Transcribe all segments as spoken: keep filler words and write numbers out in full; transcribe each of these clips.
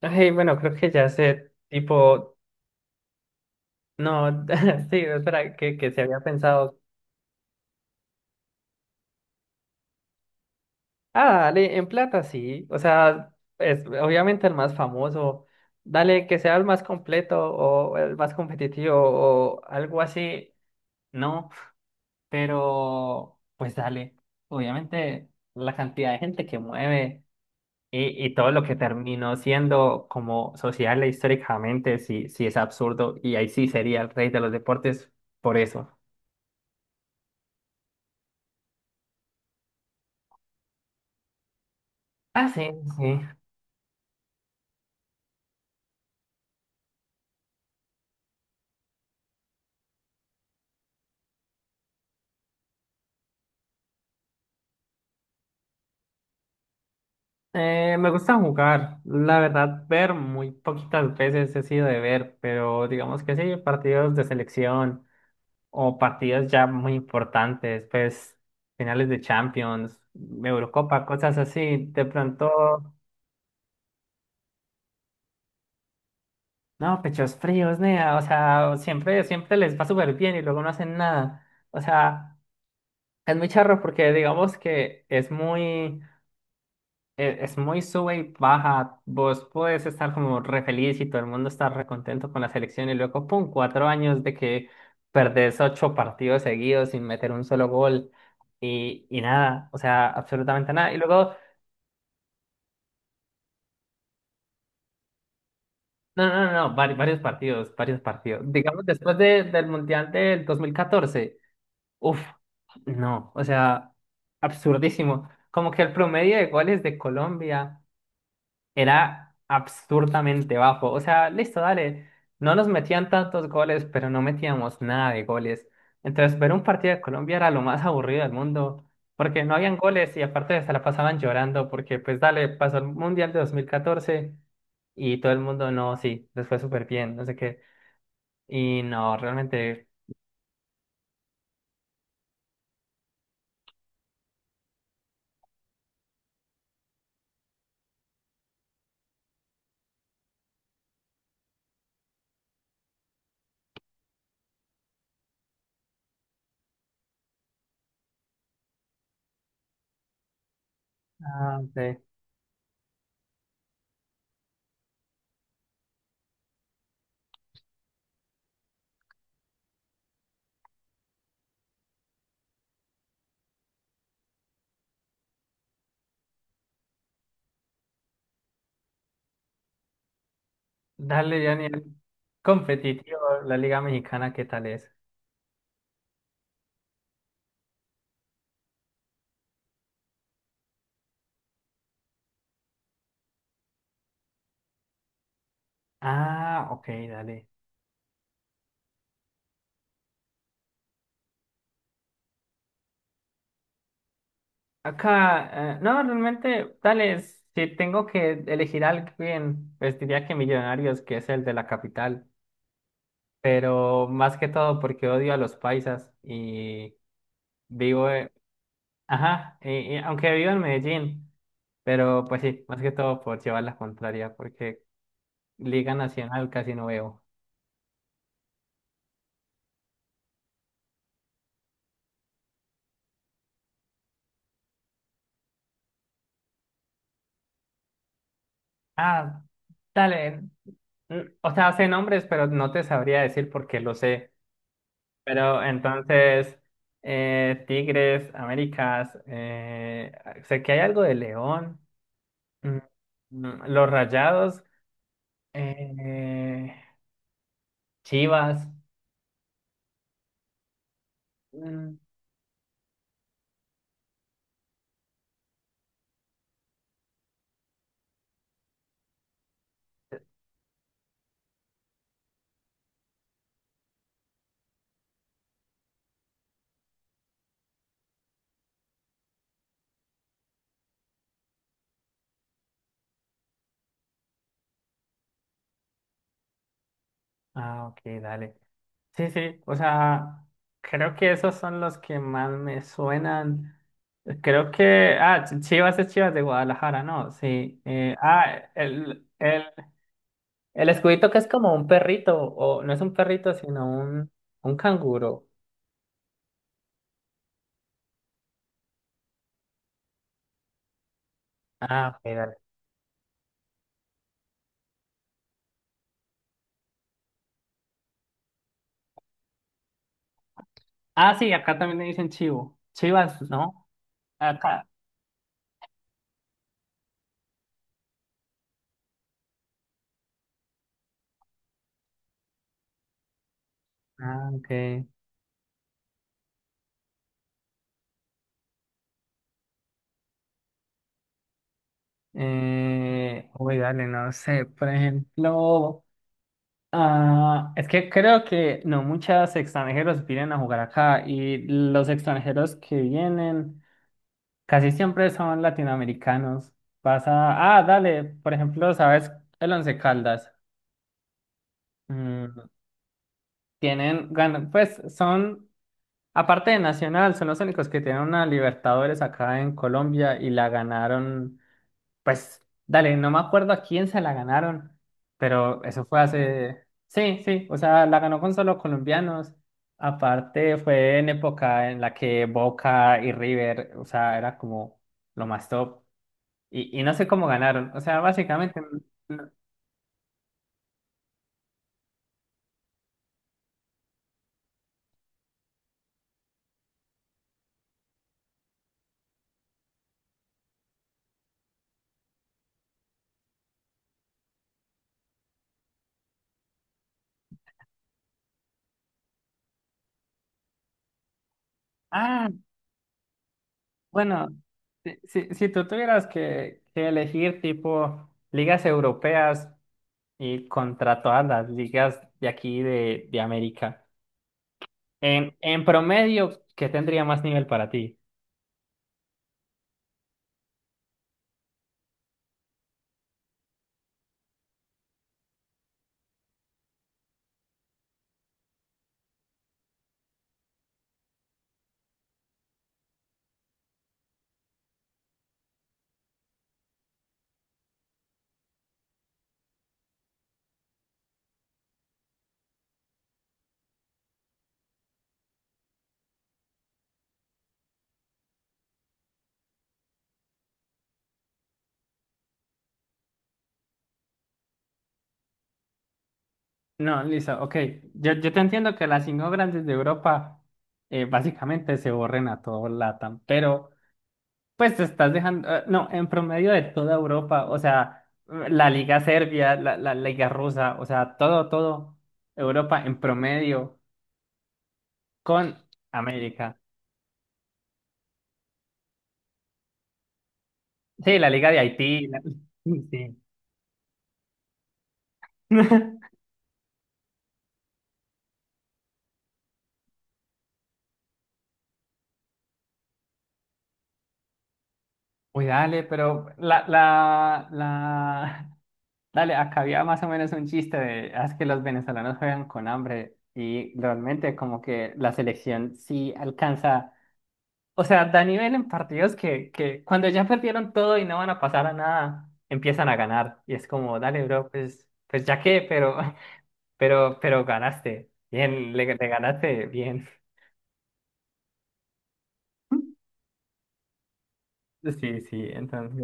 Ay, bueno, creo que ya sé, tipo, no, sí, espera, que, que se había pensado. Ah, dale, en plata sí, o sea, es obviamente el más famoso. Dale, que sea el más completo o el más competitivo o algo así, no, pero pues dale, obviamente la cantidad de gente que mueve y, y todo lo que terminó siendo como social e históricamente, sí, sí es absurdo y ahí sí sería el rey de los deportes por eso. Ah, sí, sí. Sí. Eh, me gusta jugar, la verdad, ver muy poquitas veces he sido de ver, pero digamos que sí, partidos de selección o partidos ya muy importantes, pues finales de Champions, Eurocopa, cosas así, de pronto, no, pechos fríos, nea, o sea, siempre, siempre les va súper bien y luego no hacen nada, o sea, es muy charro porque digamos que es muy... e- es muy sube y baja. Vos podés estar como re feliz y todo el mundo está re contento con la selección y luego, pum, cuatro años de que perdés ocho partidos seguidos sin meter un solo gol y, y nada, o sea, absolutamente nada. Y luego, no, no, no, no, vari- varios partidos, varios partidos. Digamos, después de- del Mundial del dos mil catorce uff, no, o sea, absurdísimo. Como que el promedio de goles de Colombia era absurdamente bajo. O sea, listo, dale. No nos metían tantos goles, pero no metíamos nada de goles. Entonces, ver un partido de Colombia era lo más aburrido del mundo, porque no habían goles y aparte se la pasaban llorando, porque pues dale, pasó el Mundial de dos mil catorce y todo el mundo, no, sí, les fue súper bien, no sé qué. Y no, realmente, ah, sí. Dale, Daniel, competitivo, la Liga Mexicana, ¿qué tal es? Ah, ok, dale. Acá, eh, no, realmente, tales, si tengo que elegir a alguien, pues diría que Millonarios, que es el de la capital, pero más que todo porque odio a los paisas y vivo, eh, ajá, y, y aunque vivo en Medellín, pero pues sí, más que todo por llevar la contraria, porque Liga Nacional casi no veo. Ah, dale, mm, o sea, sé nombres, pero no te sabría decir porque lo sé. Pero entonces, eh, Tigres, Américas, eh, sé que hay algo de León, mm, mm, los Rayados, eh, Chivas. Mm. Ah, ok, dale. Sí, sí, o sea, creo que esos son los que más me suenan. Creo que, ah, Ch- Chivas es Chivas de Guadalajara, ¿no? Sí. eh, ah, el, el, el escudito que es como un perrito, o no es un perrito, sino un, un canguro. Ah, ok, dale. Ah, sí, acá también le dicen chivo. Chivas, ¿no? Acá. Ah, ok. Eh, uy, dale, no sé. Por ejemplo, ah, es que creo que no muchos extranjeros vienen a jugar acá y los extranjeros que vienen casi siempre son latinoamericanos. Pasa, ah, dale, por ejemplo, ¿sabes? El Once Caldas. Mm, tienen, gan- pues son. Aparte de Nacional, son los únicos que tienen una Libertadores acá en Colombia y la ganaron, pues, dale, no me acuerdo a quién se la ganaron, pero eso fue hace, sí, sí, o sea, la ganó con solo colombianos. Aparte fue en época en la que Boca y River, o sea, era como lo más top. Y, y no sé cómo ganaron, o sea, básicamente, no- ah, bueno, si, si, si tú tuvieras que, que elegir tipo ligas europeas y contra todas las ligas de aquí de, de América. En, en promedio, ¿qué tendría más nivel para ti? No, listo, ok. Yo, yo te entiendo que las cinco grandes de Europa eh, básicamente se borren a todo L A T A M, pero pues te estás dejando, eh, no, en promedio de toda Europa, o sea, la Liga Serbia, la, la Liga Rusa, o sea, todo, todo Europa en promedio con América. Sí, la Liga de Haití, la- sí. Uy, dale, pero la, la, la, dale, acá había más o menos un chiste de, "Ah, es que los venezolanos juegan con hambre y realmente como que la selección sí alcanza, o sea, da nivel en partidos que, que cuando ya perdieron todo y no van a pasar a nada, empiezan a ganar y es como, dale, bro, pues, pues ya qué, pero, pero, pero ganaste, bien, le, le ganaste, bien. Sí, sí, entonces,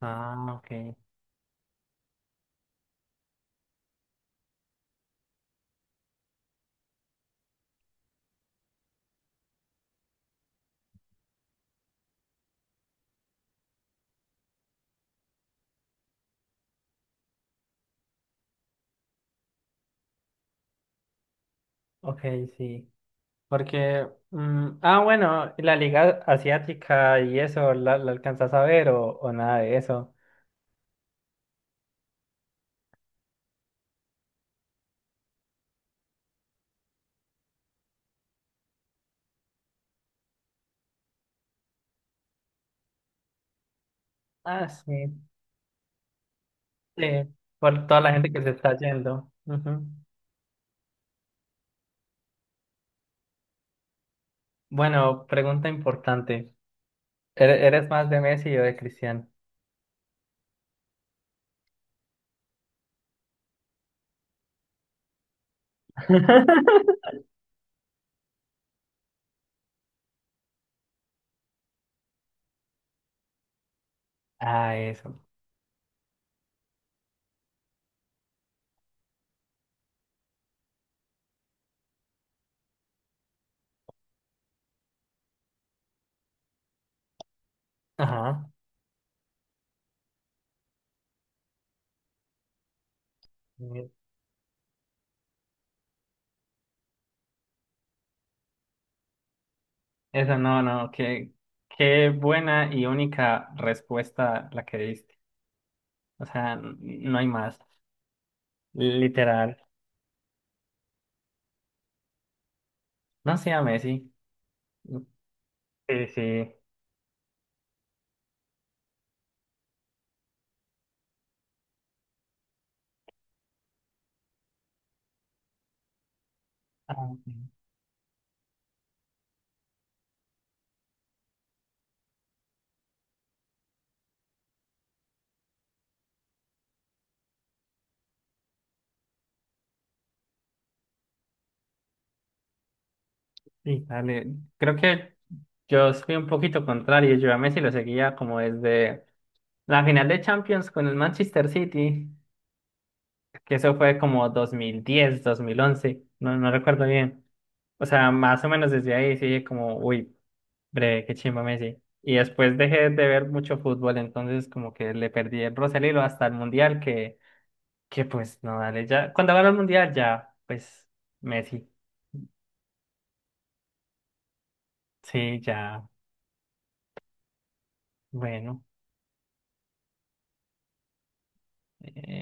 ah, ok, ok, sí. Porque, mm, ah, bueno, ¿y la Liga Asiática y eso, ¿la, la alcanzas a ver o, o nada de eso? Ah, sí, sí, por toda la gente que se está yendo. Ujú. Bueno, pregunta importante. ¿Ere- ¿Eres más de Messi o de Cristiano? Ah, eso. Ajá. Eh, eso no, no, qué, qué buena y única respuesta la que diste. O sea, n- no hay más. Literal. No sea Messi. Sí, sí. Ah. Ok. Sí, dale. Creo que yo soy un poquito contrario. Yo a Messi lo seguía como desde la final de Champions con el Manchester City, que eso fue como dos dos mil diez dos mil once no, no recuerdo bien. O sea, más o menos desde ahí sí, como, uy, breve, qué chimba Messi. Y después dejé de ver mucho fútbol, entonces como que le perdí el Rosalilo hasta el Mundial, que, que pues no, dale, ya, cuando ganó el Mundial ya, pues Messi, sí, ya, bueno.